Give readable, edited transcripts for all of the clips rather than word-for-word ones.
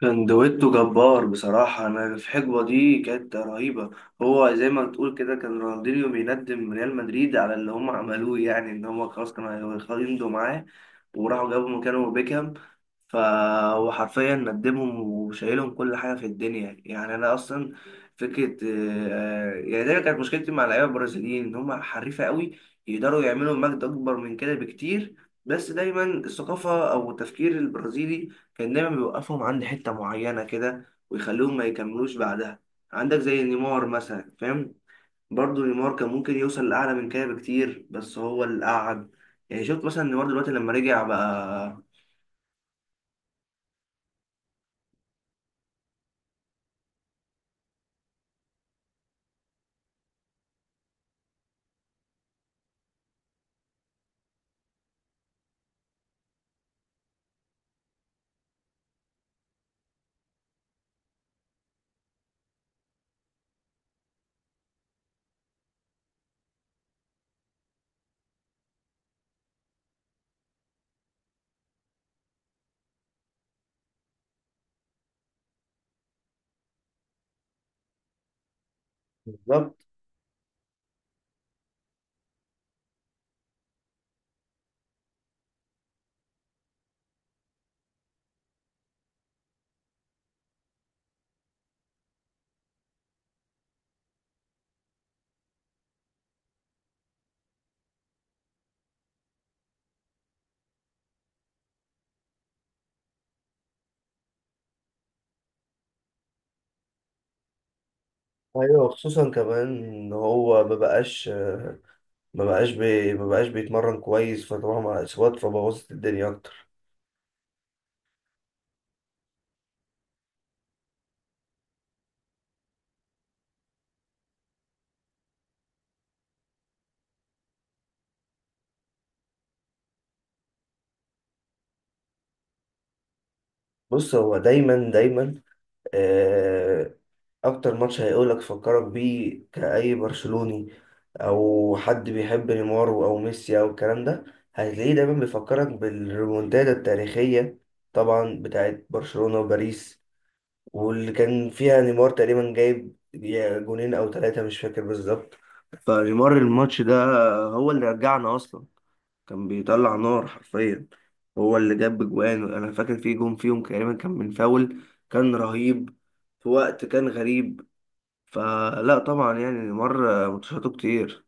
كان دويتو جبار بصراحة. أنا في الحقبة دي كانت رهيبة. هو زي ما بتقول كده كان رونالدينيو بيندم ريال مدريد على اللي هم عملوه، يعني إن هم خلاص كانوا هيمضوا معاه وراحوا جابوا مكانه بيكهام. ف وحرفيا ندمهم وشايلهم كل حاجة في الدنيا، يعني أنا أصلا فكرة يعني دايما كانت مشكلتي مع اللعيبة البرازيليين إن هم حريفة قوي، يقدروا يعملوا مجد أكبر من كده بكتير. بس دايما الثقافة أو التفكير البرازيلي كان دايما بيوقفهم عند حتة معينة كده ويخليهم ما يكملوش بعدها. عندك زي نيمار مثلا، فاهم؟ برضه نيمار كان ممكن يوصل لأعلى من كده بكتير بس هو اللي قعد. يعني شفت مثلا نيمار دلوقتي لما رجع بقى. بالظبط. ايوه خصوصا كمان ان هو ما بقاش، ما بقاش بي ما بقاش بيتمرن كويس، فطبعا مع الاصابات فبوظت الدنيا اكتر. بص، هو دايما دايما اكتر ماتش هيقولك فكرك بيه كأي برشلوني او حد بيحب نيمار او ميسي او الكلام ده، هتلاقيه دايما بيفكرك بالريمونتادا التاريخية طبعا بتاعت برشلونة وباريس، واللي كان فيها نيمار تقريبا جايب يا جونين او ثلاثة، مش فاكر بالظبط. فنيمار الماتش ده هو اللي رجعنا اصلا، كان بيطلع نار حرفيا. هو اللي جاب جوان، انا فاكر في جون فيهم تقريبا كان من فاول، كان رهيب في وقت كان غريب. فلا طبعا يعني مره ماتشاته كتير.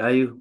ايوه،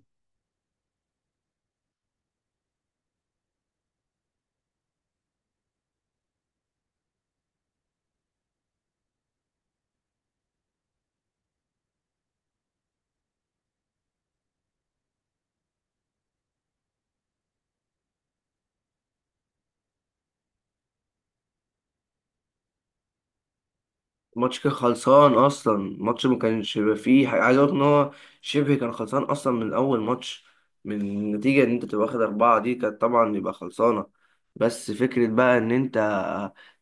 الماتش كان خلصان اصلا، الماتش ما كانش بيبقى فيه حاجة. عايز اقول ان هو شبه كان خلصان اصلا من اول ماتش. من النتيجه ان انت تبقى واخد اربعه دي كانت طبعا يبقى خلصانه. بس فكره بقى ان انت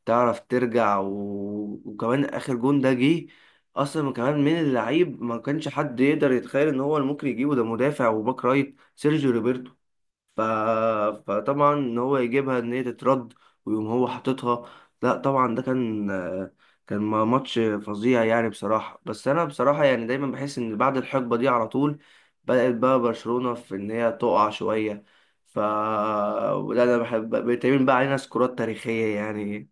تعرف ترجع، و... وكمان اخر جون ده جه اصلا كمان من اللعيب ما كانش حد يقدر يتخيل ان هو اللي ممكن يجيبه، ده مدافع وباك رايت سيرجيو روبرتو. ف... فطبعا ان هو يجيبها ان هي تترد ويقوم هو حاططها، لا طبعا ده كان كان ماتش فظيع يعني بصراحة. بس انا بصراحة يعني دايما بحس ان بعد الحقبة دي على طول بدأت بقى برشلونة في ان هي تقع شوية. ف لا انا بحب بيتعمل بقى علينا سكورات تاريخية يعني.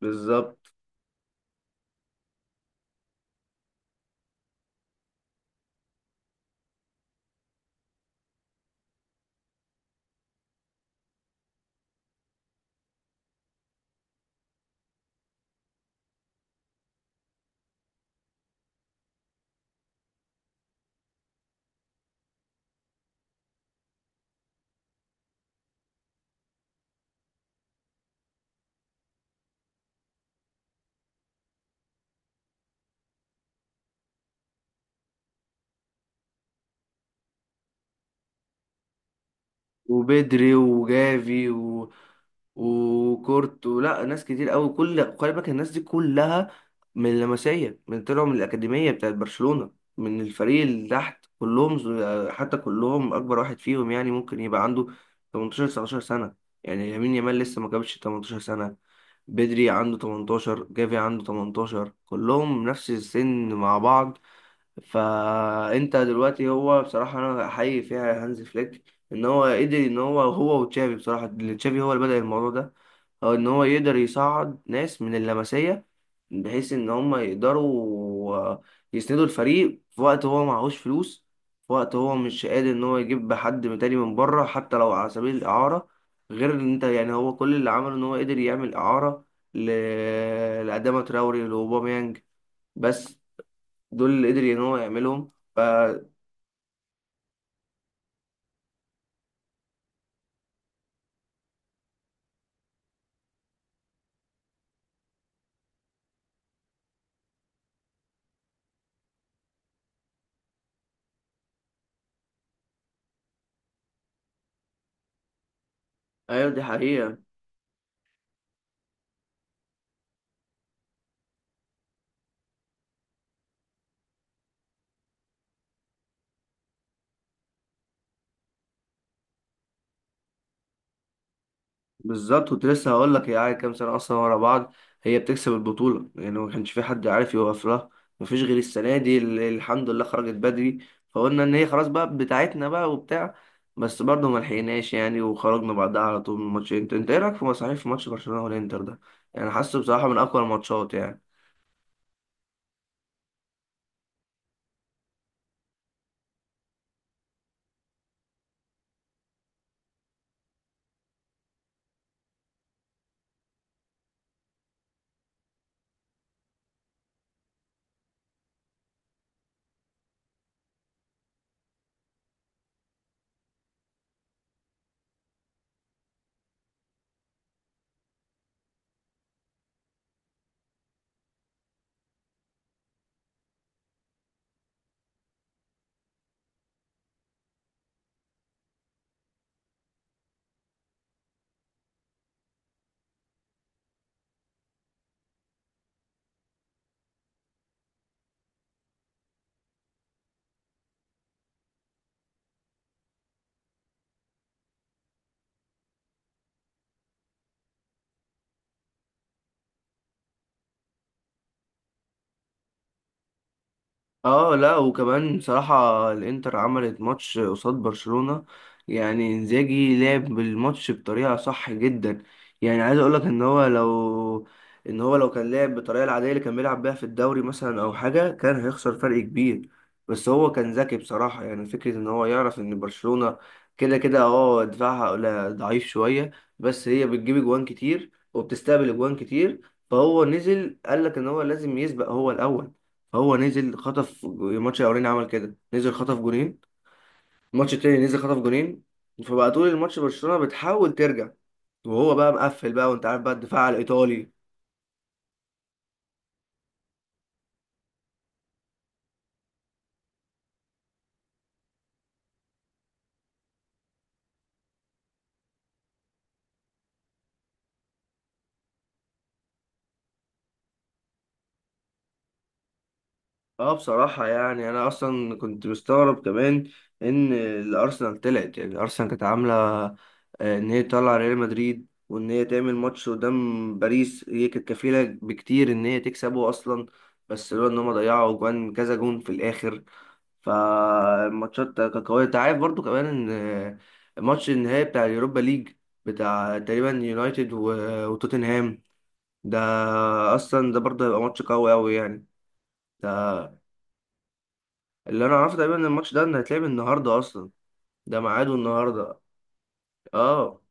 بالظبط، وبدري وجافي وكورت ولا ناس كتير قوي، كل خلي بالك الناس دي كلها من اللمسيه، من طلعوا من الاكاديميه بتاعت برشلونه، من الفريق اللي تحت كلهم حتى كلهم اكبر واحد فيهم يعني ممكن يبقى عنده 18 19 سنه. يعني يمين يامال لسه ما جابش 18 سنه، بدري عنده 18، جافي عنده 18، كلهم نفس السن مع بعض. فانت دلوقتي هو بصراحه انا احيي فيها هانز فليك، ان هو قدر ان هو هو وتشافي، بصراحه اللي تشافي هو اللي بدأ الموضوع ده، هو ان هو يقدر يصعد ناس من اللمسيه بحيث ان هم يقدروا يسندوا الفريق في وقت هو معهوش فلوس، في وقت هو مش قادر ان هو يجيب حد من تاني من بره حتى لو على سبيل الاعاره. غير ان انت يعني هو كل اللي عمله ان هو قدر يعمل اعاره ل... لأداما تراوري لاوباميانج بس. دول اللي قدر ان هو يعملهم ف. ايوه دي حقيقة. بالظبط، كنت لسه هقول لك هي قاعدة كام سنة اصلا ورا بعض هي بتكسب البطولة، يعني ما كانش في حد عارف يوقف لها. مفيش غير السنة دي اللي الحمد لله خرجت بدري، فقلنا ان هي خلاص بقى بتاعتنا بقى وبتاع. بس برضه ما لحقناش يعني، وخرجنا بعدها على طول من ماتش انتر. انت ايه رايك في مصاريف في ماتش برشلونة والانتر ده؟ يعني حاسه بصراحة من اقوى الماتشات يعني. اه لا، وكمان بصراحة الانتر عملت ماتش قصاد برشلونة، يعني انزاجي لعب بالماتش بطريقة صح جدا. يعني عايز اقولك ان هو لو، ان هو لو كان لعب بالطريقة العادية اللي كان بيلعب بيها في الدوري مثلا او حاجة كان هيخسر فرق كبير. بس هو كان ذكي بصراحة، يعني فكرة ان هو يعرف ان برشلونة كده كده اه دفاعها ضعيف شوية، بس هي بتجيب اجوان كتير وبتستقبل اجوان كتير. فهو نزل قالك ان هو لازم يسبق هو الاول. هو نزل خطف الماتش الاولاني عمل كده نزل خطف جونين، الماتش التاني نزل خطف جونين، فبقى طول الماتش برشلونة بتحاول ترجع وهو بقى مقفل بقى، وانت عارف بقى الدفاع الايطالي. اه بصراحة يعني انا اصلا كنت مستغرب كمان ان الارسنال طلعت، يعني الارسنال كانت عاملة ان هي تطلع ريال مدريد وان هي تعمل ماتش قدام باريس، هي كانت كفيلة بكتير ان هي تكسبه اصلا، بس لولا ان هم ضيعوا جوان كذا جون في الاخر. فالماتشات كانت قوية، انت عارف برضو كمان ان ماتش النهائي بتاع اليوروبا ليج بتاع تقريبا يونايتد وتوتنهام ده، اصلا ده برضه هيبقى ماتش قوي قوي يعني. ده اللي انا اعرفه تقريبا ان الماتش ده إن هيتلعب النهارده اصلا، ده ميعاده النهارده. اه.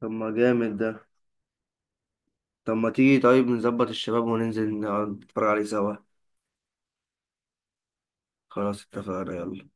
طب ما جامد ده، طب ما تيجي طيب نظبط الشباب وننزل نقعد نتفرج عليه سوا. خلاص اتفقنا، يلا.